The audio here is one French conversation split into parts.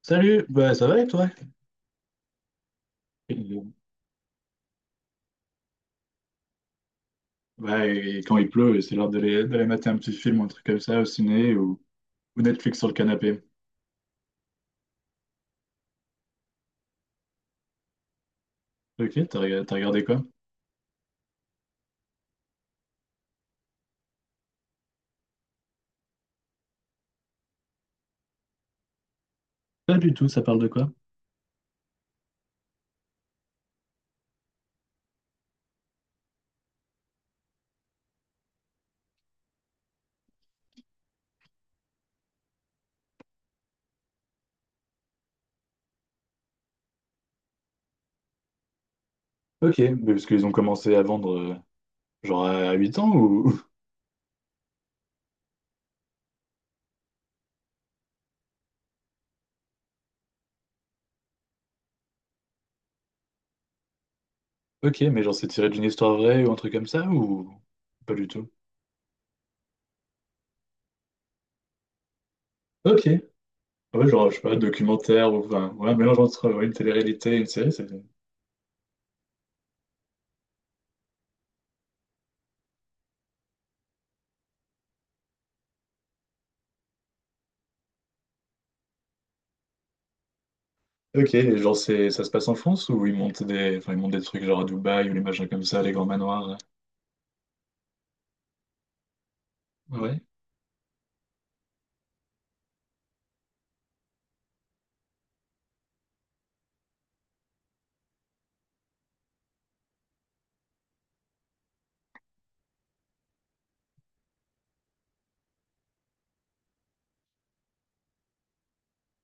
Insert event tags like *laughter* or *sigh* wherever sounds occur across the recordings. Salut, bah ça va et toi? Et- Bah, et quand il pleut, c'est l'heure d'aller mater un petit film, un truc comme ça au ciné ou Netflix sur le canapé. Ok, t'as regardé quoi? Pas du tout, ça parle de quoi? Ok, mais parce qu'ils ont commencé à vendre genre à 8 ans ou... *laughs* Ok, mais genre c'est tiré d'une histoire vraie ou un truc comme ça ou... Pas du tout. Ok, ouais genre je sais pas, documentaire ou... Enfin, ouais, mélange entre ouais, une télé-réalité et une série, c'est... Ok, et genre c'est ça se passe en France ou ils montent des... Enfin, ils montent des trucs genre à Dubaï ou les machins comme ça, les grands manoirs? Ouais.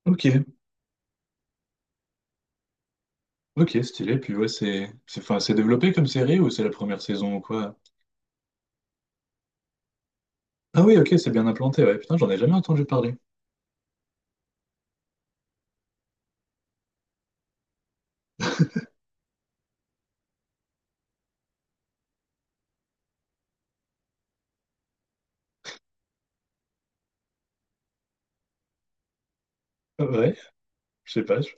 Ok, ok, stylé. Puis ouais, c'est enfin, c'est développé comme série ou c'est la première saison ou quoi? Ah oui, ok, c'est bien implanté. Ouais, putain, j'en ai jamais entendu parler. Ah ouais, je sais pas. Je-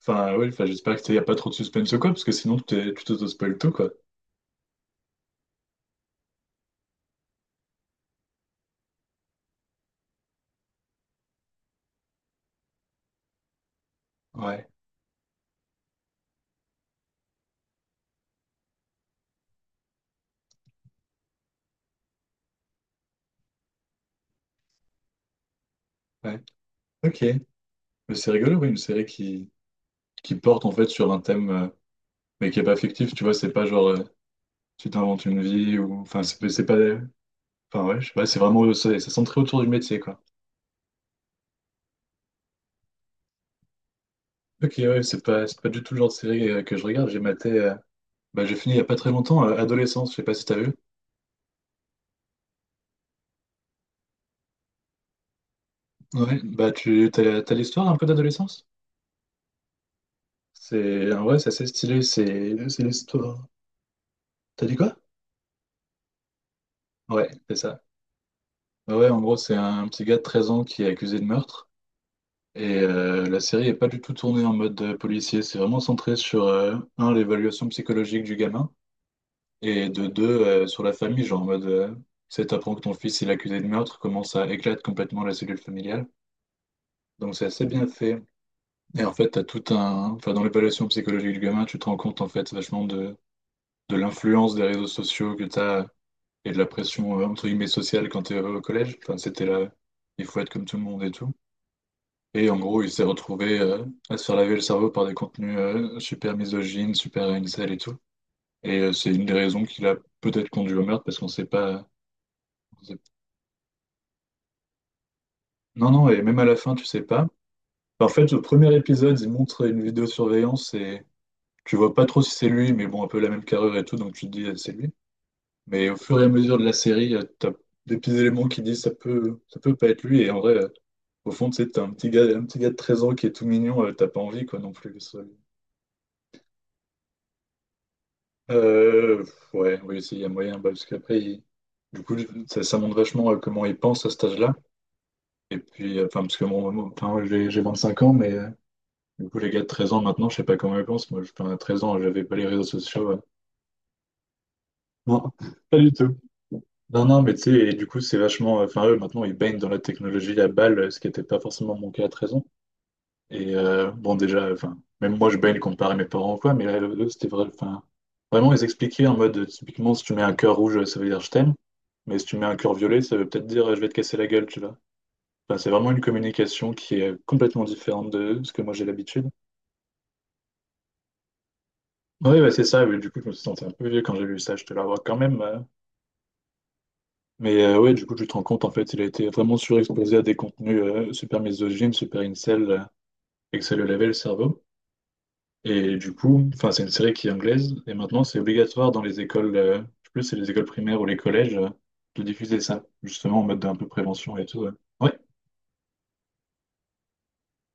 Enfin, oui, enfin, j'espère que y a pas trop de suspense ou quoi, parce que sinon tu t'auto-spoil tout, quoi. Ouais, ouais. Ok. Mais c'est rigolo, oui, une série qui porte en fait sur un thème, mais qui est pas fictif, tu vois, c'est pas genre tu t'inventes une vie ou. Enfin, c'est pas. Enfin, ouais, je sais pas, c'est vraiment. C'est centré autour du métier, quoi. Ok, ouais, c'est pas du tout le genre de série que je regarde. J'ai maté. Bah, j'ai fini il n'y a pas très longtemps, Adolescence, je sais pas si t'as vu. Ouais, bah t'as l'histoire un peu d'Adolescence? C'est en vrai c'est assez stylé, c'est l'histoire. T'as dit quoi? Ouais, c'est ça. Bah ouais, en gros, c'est un petit gars de 13 ans qui est accusé de meurtre. Et la série est pas du tout tournée en mode policier, c'est vraiment centré sur, un, l'évaluation psychologique du gamin, et de deux, sur la famille, genre en mode, c'est t'apprends que ton fils il est accusé de meurtre, comment ça éclate complètement la cellule familiale. Donc c'est assez bien fait. Et en fait, t'as tout un... Enfin, dans l'évaluation psychologique du gamin, tu te rends compte, en fait, de l'influence des réseaux sociaux que t'as et de la pression, entre guillemets, sociale quand t'es au collège. Enfin, c'était là, il faut être comme tout le monde et tout. Et en gros, il s'est retrouvé à se faire laver le cerveau par des contenus super misogynes, super incel et tout. Et c'est une des raisons qui l'a peut-être conduit au meurtre, parce qu'on sait pas... on sait- Non, non, et même à la fin, tu sais pas. En fait, au premier épisode, il montre une vidéosurveillance et... Tu vois pas trop si c'est lui, mais bon, un peu la même carrure et tout, donc tu te dis c'est lui. Mais au fur et à mesure de la série, t'as des petits éléments qui disent ça peut pas être lui. Et en vrai, au fond, tu sais, t'as un petit gars de 13 ans qui est tout mignon, t'as pas envie quoi non plus que ce soit lui. Pff, ouais, oui, s'il y a moyen, bah, parce qu'après, du coup, ça montre vachement comment ils pensent à cet âge-là. Et puis, enfin, parce que enfin, moi, j'ai 5 ans, mais du coup, les gars de 13 ans maintenant, je sais pas comment ils pensent. Moi, je, enfin, à 13 ans, j'avais pas les réseaux sociaux. Non, pas du tout. Non, non, mais tu sais, et du coup, c'est vachement. Enfin, eux, maintenant, ils baignent dans la technologie à balles, ce qui n'était pas forcément mon cas à 13 ans. Et bon, déjà, enfin, même moi, je baigne comparé à mes parents ou quoi, mais là, eux, c'était vrai. Enfin, vraiment, ils expliquaient en mode, typiquement, si tu mets un cœur rouge, ça veut dire je t'aime. Mais si tu mets un cœur violet, ça veut peut-être dire je vais te casser la gueule, tu vois. Enfin, c'est vraiment une communication qui est complètement différente de ce que moi j'ai l'habitude. Oui, bah, c'est ça. Mais du coup, je me suis senti un peu vieux quand j'ai vu ça. Je te l'avoue quand même. Mais ouais, du coup, tu te rends compte, en fait, il a été vraiment surexposé à des contenus super misogynes, super incel, et que ça lui lavait le cerveau. Et du coup, enfin, c'est une série qui est anglaise, et maintenant, c'est obligatoire dans les écoles, je sais plus, c'est les écoles primaires ou les collèges, de diffuser ça, justement, en mode d'un peu prévention et tout. Ouais, Ouais.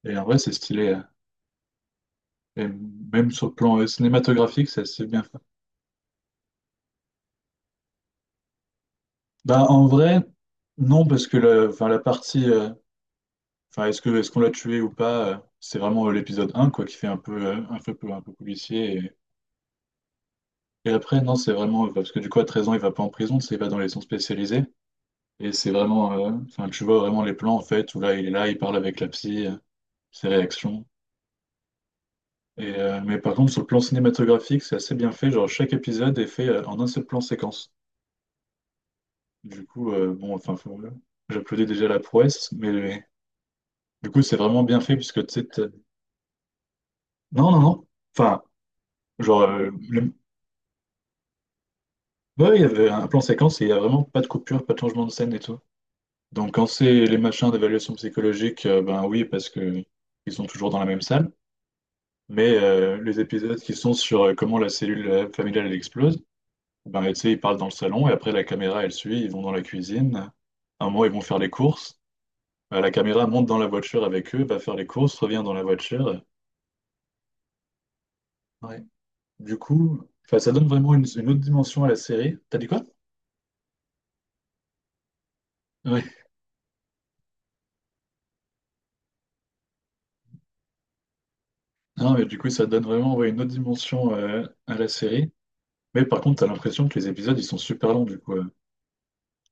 Et en vrai, c'est stylé. Et même sur le plan cinématographique, c'est assez bien fait. Bah, en vrai, non, parce que la, enfin, la partie. Enfin, est-ce qu'on l'a tué ou pas? C'est vraiment l'épisode un quoi, qui fait un peu, un peu policier. Et après, non, c'est vraiment. Parce que du coup, à 13 ans, il va pas en prison, c'est sais, il va dans les sons spécialisés. Et c'est vraiment. Enfin, tu vois vraiment les plans, en fait, où là, il est là, il parle avec la psy, ses réactions. Et, mais par contre, sur le plan cinématographique, c'est assez bien fait. Genre, chaque épisode est fait en un seul plan séquence. Du coup, bon, enfin, j'applaudis déjà la prouesse, mais du coup, c'est vraiment bien fait, puisque tu sais. Non, non, non. Enfin. Genre, euh, Ouais, il y avait un plan séquence et il n'y a vraiment pas de coupure, pas de changement de scène et tout. Donc quand c'est les machins d'évaluation psychologique, ben oui, parce que ils sont toujours dans la même salle. Mais les épisodes qui sont sur comment la cellule familiale elle explose, ben tu sais, ils parlent dans le salon et après la caméra elle suit, ils vont dans la cuisine. À un moment ils vont faire les courses. La caméra monte dans la voiture avec eux, va faire les courses, revient dans la voiture. Ouais. Du coup, enfin ça donne vraiment une autre dimension à la série. T'as dit quoi? Euh, Non, mais du coup, ça donne vraiment ouais, une autre dimension à la série. Mais par contre, t'as l'impression que les épisodes, ils sont super longs, du coup.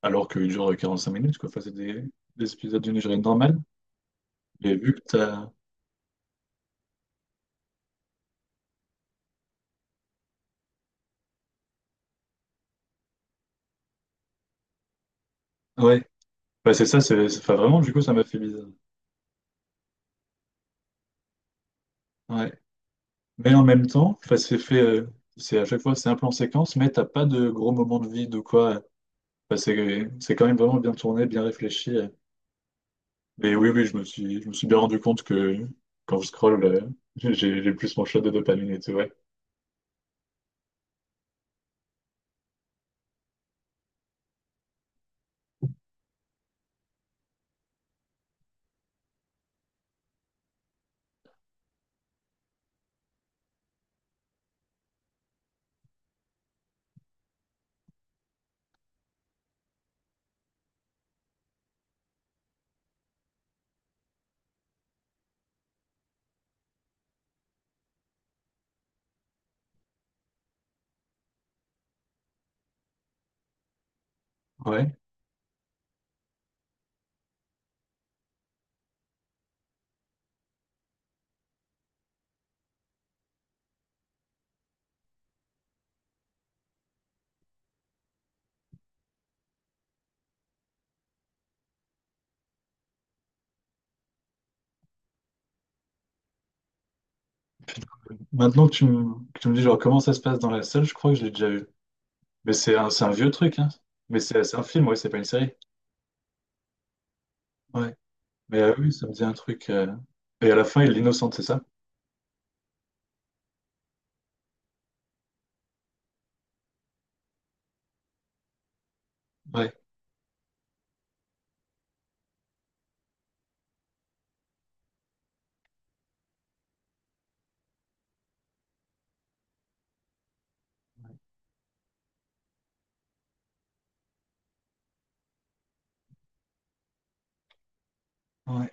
Alors qu'ils durent 45 minutes, quoi. Enfin, des épisodes d'une durée normale. Mais vu que t'as... Ouais. Bah, c'est ça, Enfin, vraiment, du coup, ça m'a fait bizarre. Ouais. Mais en même temps, enfin, c'est à chaque fois, c'est un peu en séquence, mais t'as pas de gros moments de vide ou quoi. Enfin, c'est quand même vraiment bien tourné, bien réfléchi. Mais oui, oui, je me suis bien rendu compte que quand je scrolle, *laughs* j'ai j'ai plus mon shot de dopamine et tout, ouais. Ouais. Putain, maintenant que que tu me dis genre comment ça se passe dans la salle, je crois que je l'ai déjà vu. Mais c'est un vieux truc, hein. Mais c'est un film, ouais, c'est pas une série. Ouais. Mais oui, ça me dit un truc. Et à la fin, il l'innocente, c'est ça? Ouais. Ouais.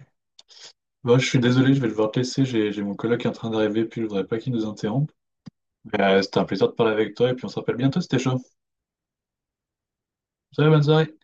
Bon, je suis désolé, je vais devoir te laisser. J'ai mon collègue qui est en train d'arriver, puis je voudrais pas qu'il nous interrompe. Mais, c'était un plaisir de parler avec toi, et puis on se rappelle bientôt, c'était chaud. Salut, bonne soirée.